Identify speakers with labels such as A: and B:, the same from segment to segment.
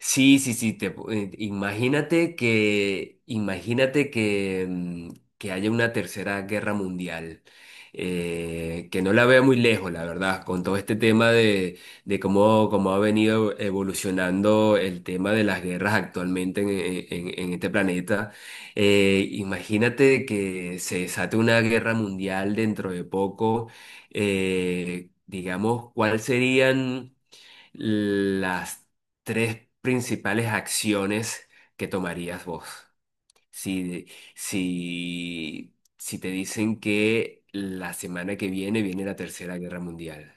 A: Sí, sí, sí, te, imagínate que que haya una tercera guerra mundial, que no la veo muy lejos, la verdad, con todo este tema de, cómo, cómo ha venido evolucionando el tema de las guerras actualmente en este planeta. Imagínate que se desate una guerra mundial dentro de poco, digamos, ¿cuáles serían las tres principales acciones que tomarías vos? Si, si te dicen que la semana que viene viene la Tercera Guerra Mundial,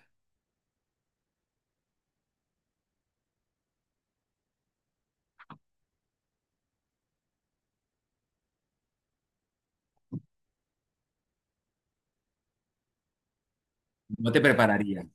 A: no te prepararías.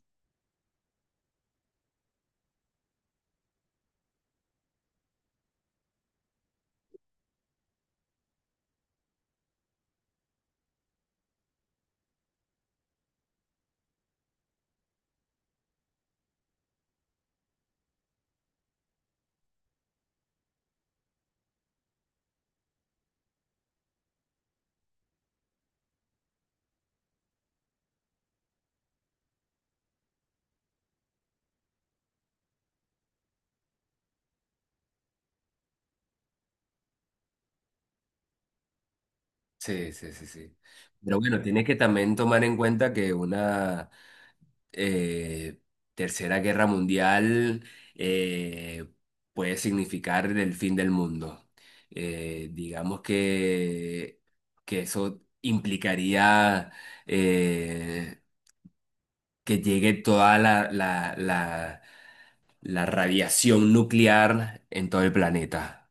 A: Sí, sí, sí, sí. Pero bueno, tienes que también tomar en cuenta que una... eh, Tercera Guerra Mundial eh, puede significar el fin del mundo. Digamos que eso implicaría, eh, que llegue toda la radiación nuclear en todo el planeta.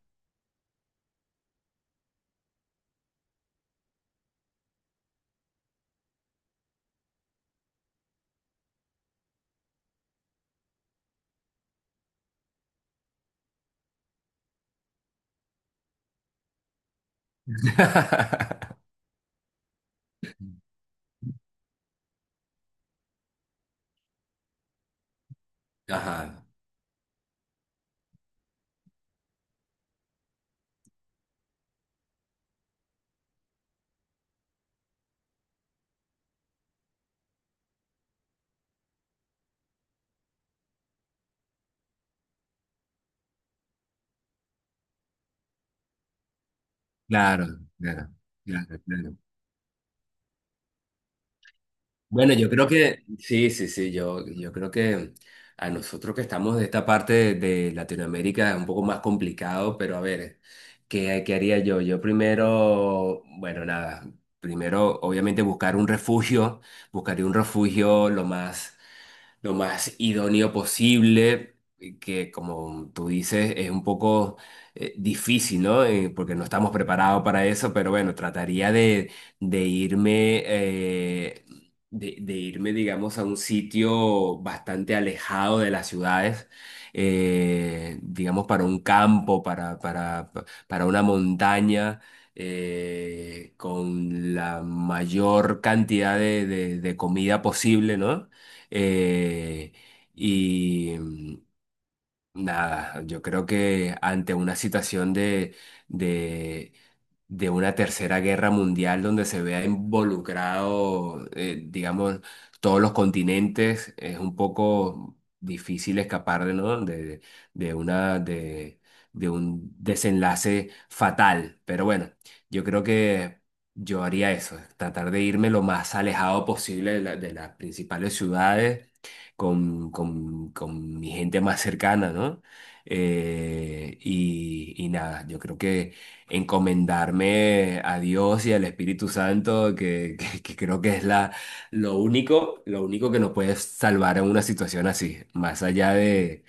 A: Ajá, claro, claro, claro, claro. Bueno, yo creo que, sí, sí, sí, yo creo que a nosotros que estamos de esta parte de Latinoamérica es un poco más complicado, pero a ver, ¿qué, qué haría yo? Yo primero, bueno, nada, primero obviamente buscar un refugio, buscaría un refugio lo más idóneo posible, que como tú dices, es un poco difícil, ¿no? Porque no estamos preparados para eso, pero bueno, trataría de irme, de irme, digamos, a un sitio bastante alejado de las ciudades. Digamos para un campo, para una montaña, con la mayor cantidad de, de comida posible, ¿no? Eh, y mm, nada, yo creo que ante una situación de, de una tercera guerra mundial donde se vea involucrado, digamos, todos los continentes, es un poco difícil escapar de, ¿no? De una, de, de un desenlace fatal. Pero bueno, yo creo que... Yo haría eso, tratar de irme lo más alejado posible de de las principales ciudades con mi gente más cercana, ¿no? Y, y nada, yo creo que encomendarme a Dios y al Espíritu Santo, que creo que es la, lo único que nos puede salvar en una situación así,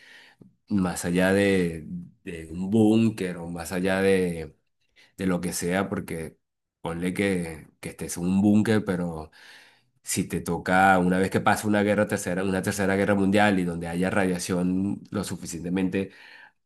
A: más allá de un búnker o más allá de lo que sea, porque ponle que estés en un búnker, pero si te toca, una vez que pasa una guerra tercera, una tercera guerra mundial y donde haya radiación lo suficientemente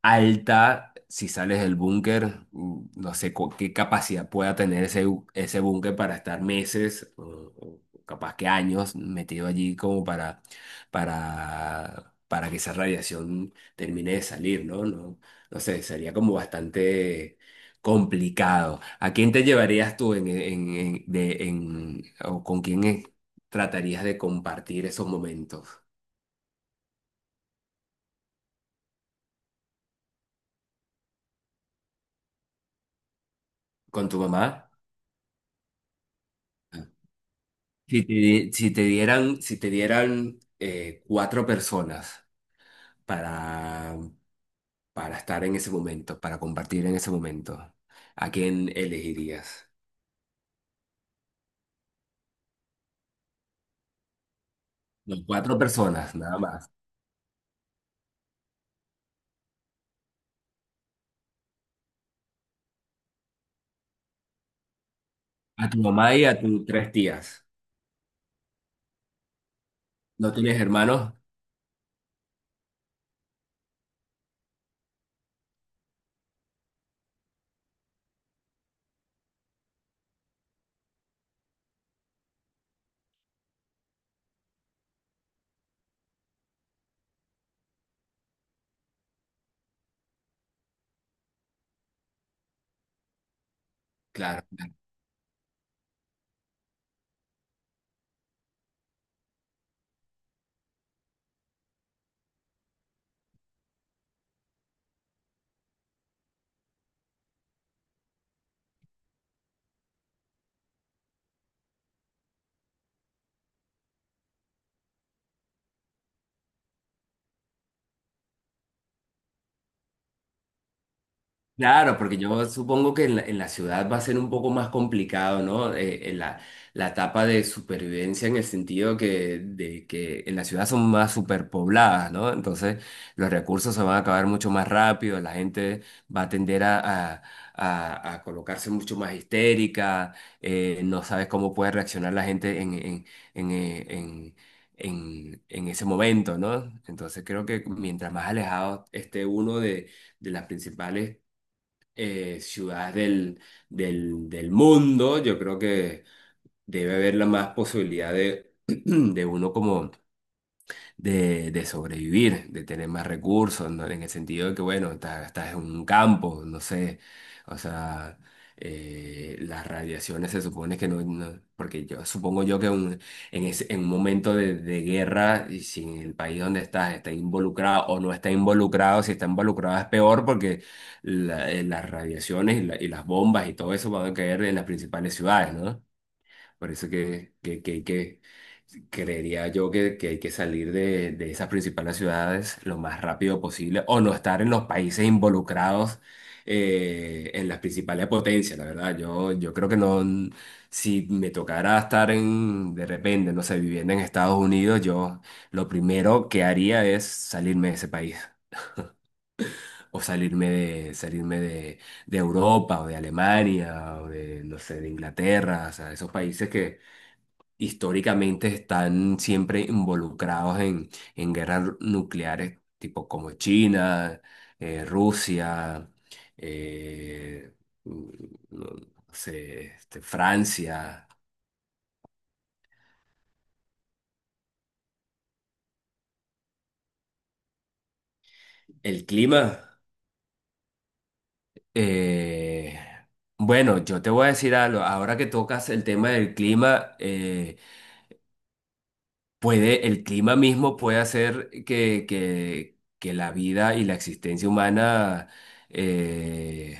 A: alta si sales del búnker. No sé qué capacidad pueda tener ese, ese búnker para estar meses o capaz que años metido allí como para, para que esa radiación termine de salir, ¿no? No, no sé, sería como bastante complicado. ¿A quién te llevarías tú o con quién, tratarías de compartir esos momentos? ¿Con tu mamá? Si te, si te dieran, si te dieran, cuatro personas para, para estar en ese momento, para compartir en ese momento, ¿a quién elegirías? No, cuatro personas, nada más. A tu mamá y a tus tres tías. ¿No tienes hermanos? Claro. Claro, porque yo supongo que en la ciudad va a ser un poco más complicado, ¿no? La, la etapa de supervivencia en el sentido que, de que en la ciudad son más superpobladas, ¿no? Entonces los recursos se van a acabar mucho más rápido, la gente va a tender a, a- a colocarse mucho más histérica, no sabes cómo puede reaccionar la gente en, eh, en- en ese momento, ¿no? Entonces creo que mientras más alejado esté uno de las principales ciudad del, del mundo, yo creo que debe haber la más posibilidad de, de uno como de sobrevivir, de tener más recursos, ¿no? En el sentido de que, bueno, estás en un campo, no sé, o sea, las radiaciones se supone que no, porque yo supongo yo que en un momento de guerra, y si en el país donde estás está involucrado o no está involucrado, si está involucrado es peor porque las radiaciones y, y las bombas y todo eso van a caer en las principales ciudades, ¿no? Parece que creería yo que hay que salir de esas principales ciudades lo más rápido posible o no estar en los países involucrados en las principales potencias, la verdad. Yo creo que no, si me tocara estar en, de repente, no sé, viviendo en Estados Unidos, yo lo primero que haría es salirme de ese país. O salirme de Europa o de Alemania o de, no sé, de Inglaterra, o sea, esos países que, históricamente están siempre involucrados en guerras nucleares, tipo como China, Rusia, eh, mm, no no sé, este, Francia. El clima. eh, bueno, yo te voy a decir algo. Ahora que tocas el tema del clima, puede, el clima mismo puede hacer que la vida y la existencia humana, eh,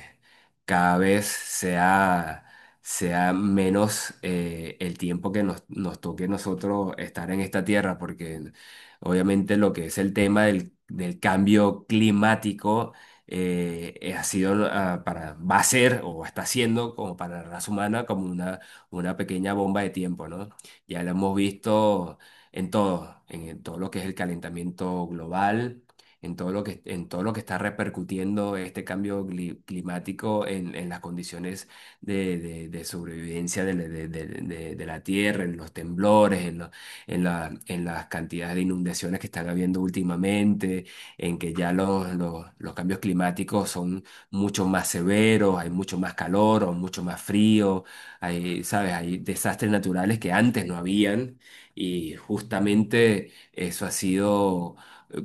A: cada vez sea, sea menos, el tiempo que nos, nos toque nosotros estar en esta tierra, porque obviamente lo que es el tema del, del cambio climático ha sido, para, va a ser o está siendo como para la raza humana como una pequeña bomba de tiempo, ¿no? Ya lo hemos visto en todo lo que es el calentamiento global, en todo lo que, en todo lo que está repercutiendo este cambio climático en las condiciones de, de sobrevivencia de la tierra, en los temblores, en, en las cantidades de inundaciones que están habiendo últimamente, en que ya los cambios climáticos son mucho más severos, hay mucho más calor o mucho más frío, hay, ¿sabes? Hay desastres naturales que antes no habían y justamente eso ha sido, eh,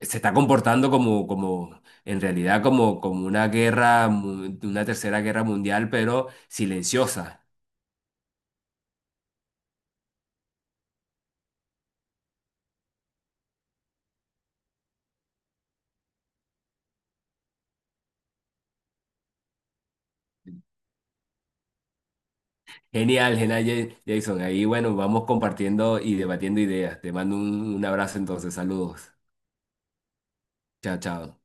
A: se está comportando como, como, en realidad como, como una guerra, una tercera guerra mundial, pero silenciosa. Genial, genial, Jason. Ahí, bueno, vamos compartiendo y debatiendo ideas. Te mando un abrazo entonces. Saludos. Chao, chao.